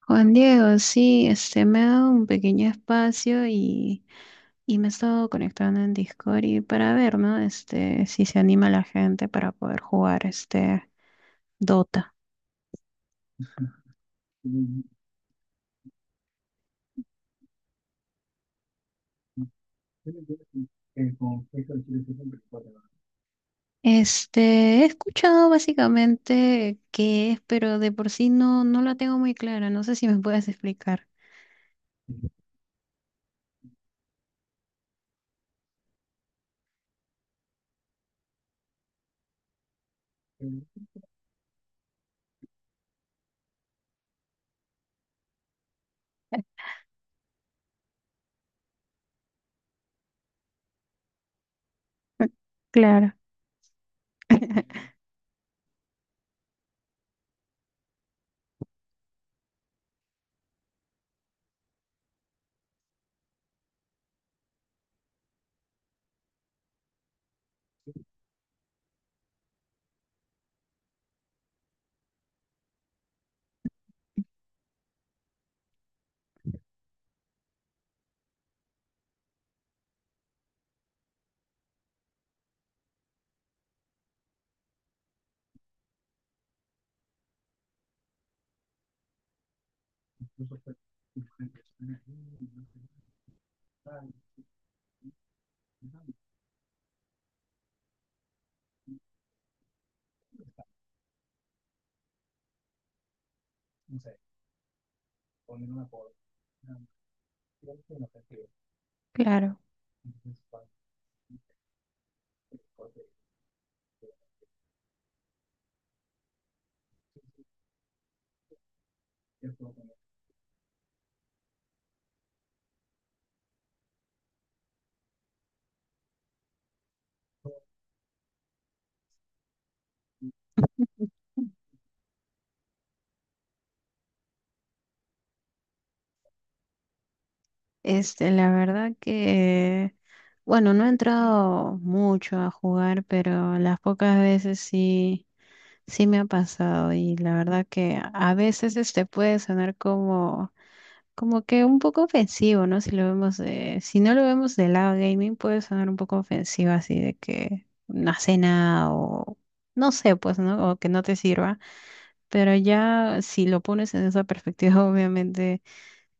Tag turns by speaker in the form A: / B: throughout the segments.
A: Juan Diego, sí, me ha dado un pequeño espacio y me he estado conectando en Discord y para ver, ¿no? Si se anima la gente para poder jugar Dota. Este, he escuchado básicamente qué es, pero de por sí no la tengo muy clara. No sé si me puedes explicar. Claro, claro. La verdad que, bueno, no he entrado mucho a jugar, pero las pocas veces sí. Sí me ha pasado y la verdad que a veces puede sonar como que un poco ofensivo, ¿no? Si no lo vemos del lado gaming, puede sonar un poco ofensivo así de que una cena o no sé, pues, ¿no? O que no te sirva, pero ya si lo pones en esa perspectiva, obviamente,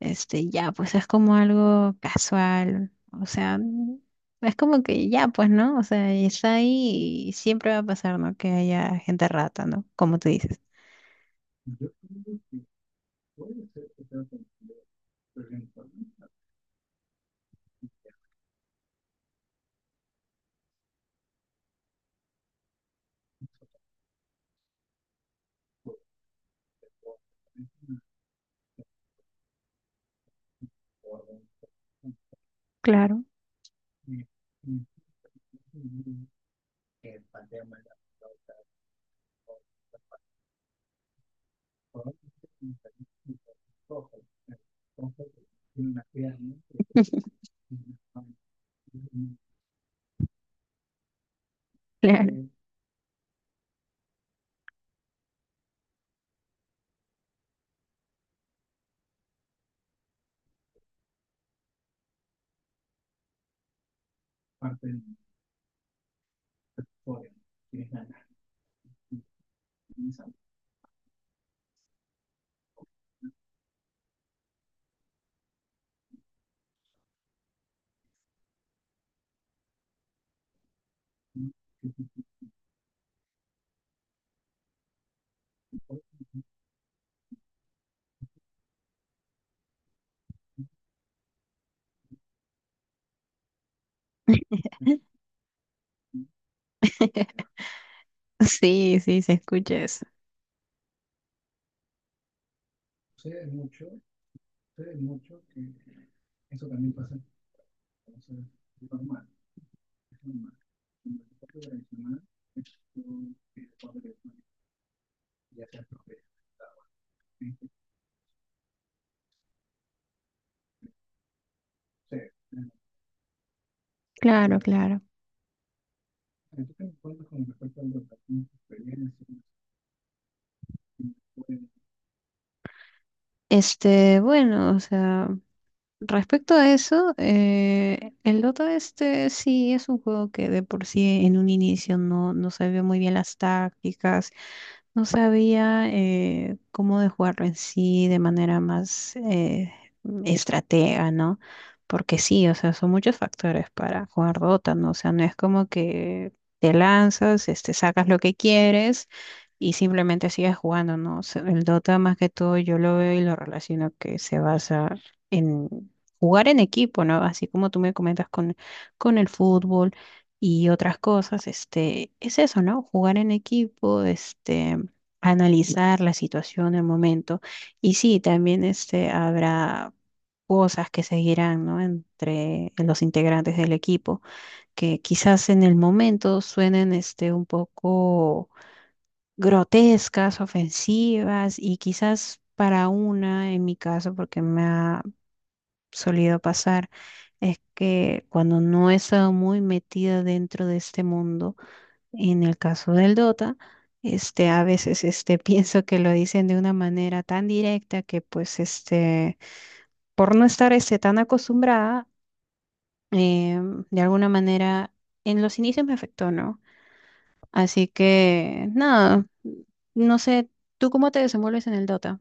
A: ya, pues es como algo casual, o sea, es como que ya, pues, ¿no? O sea, está ahí y siempre va a pasar, ¿no? Que haya gente rata, ¿no? Como tú dices. Claro, claro. Mm. Sí, sí, se escucha eso. Claro, claro. Bueno, o sea. Respecto a eso, el Dota sí es un juego que de por sí en un inicio no sabía muy bien las tácticas, no sabía cómo de jugarlo en sí de manera más estratega, ¿no? Porque sí, o sea, son muchos factores para jugar Dota, ¿no? O sea, no es como que te lanzas, sacas lo que quieres y simplemente sigues jugando, ¿no? O sea, el Dota más que todo yo lo veo y lo relaciono que se basa jugar en equipo, ¿no? Así como tú me comentas con el fútbol y otras cosas, es eso, ¿no? Jugar en equipo, analizar la situación, el momento. Y sí, también habrá cosas que seguirán, ¿no? Entre los integrantes del equipo, que quizás en el momento suenen un poco grotescas, ofensivas, y quizás para una, en mi caso, porque me ha solido pasar, es que cuando no he estado muy metida dentro de este mundo, en el caso del Dota, a veces pienso que lo dicen de una manera tan directa que pues por no estar tan acostumbrada, eh, de alguna manera en los inicios me afectó, ¿no? Así que nada, no sé, ¿tú cómo te desenvuelves en el Dota?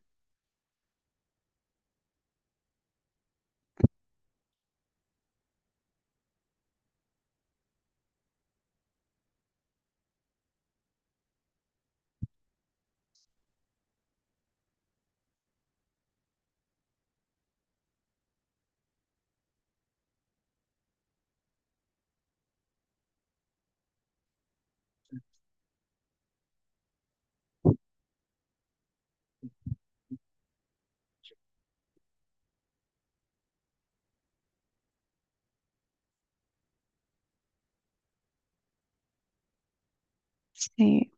A: Sí,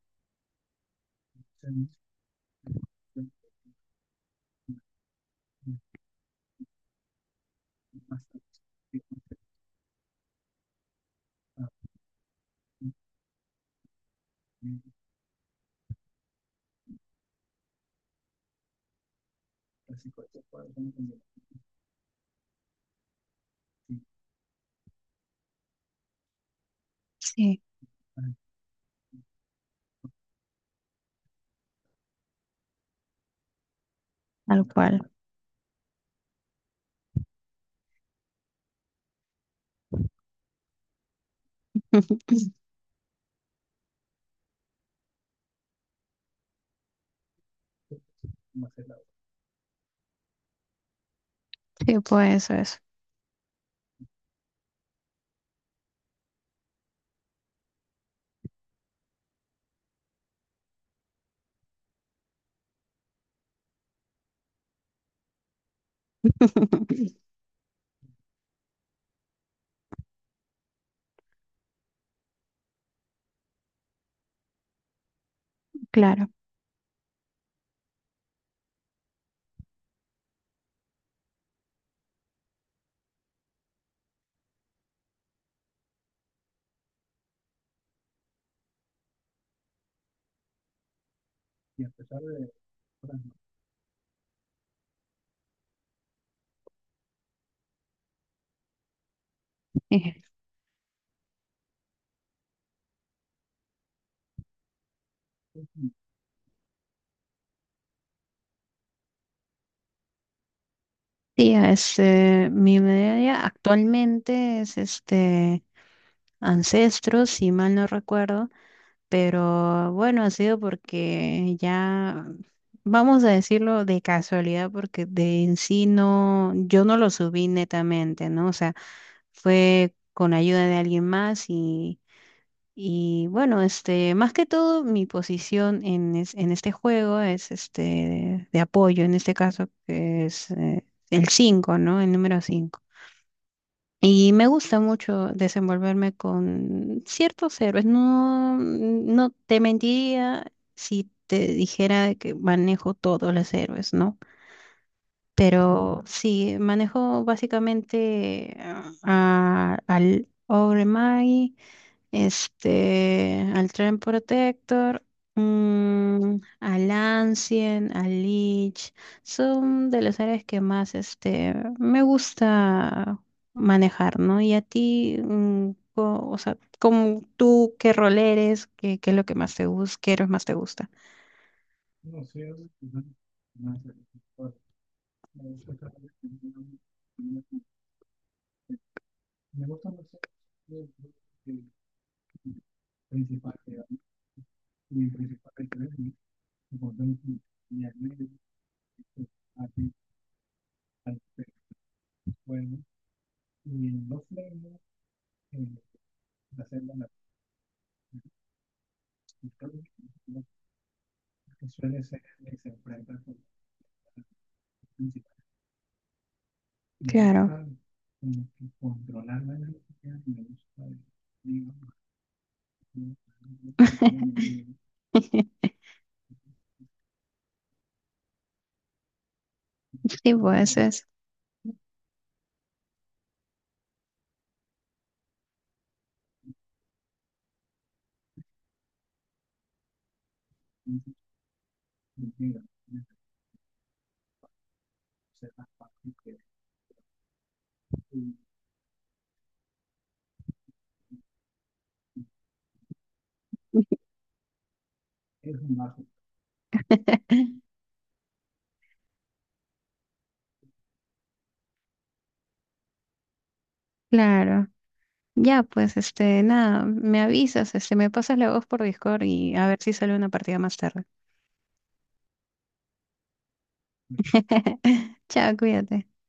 A: sí, tal cual. Sí, pues eso es, claro. Sí, mi media actualmente es Ancestros, si mal no recuerdo, pero bueno, ha sido porque ya, vamos a decirlo, de casualidad, porque de en sí no, yo no lo subí netamente, ¿no? O sea, fue con ayuda de alguien más y bueno, más que todo mi posición en este juego es de apoyo, en este caso que es el 5, ¿no? El número 5. Y me gusta mucho desenvolverme con ciertos héroes. No te mentiría si te dijera que manejo todos los héroes, ¿no? Pero sí, manejo básicamente al Ogre, al Tren Protector, al Ancien, al Lich, son de las áreas que más me gusta manejar, ¿no? Y a ti, o sea, como tú, ¿qué rol eres? ¿Qué es lo que más te gusta? ¿Qué héroes más te gusta? Claro, sí, pues es, claro. Ya, pues, nada, me avisas, me pasas la voz por Discord y a ver si sale una partida más tarde. Chao, cuídate.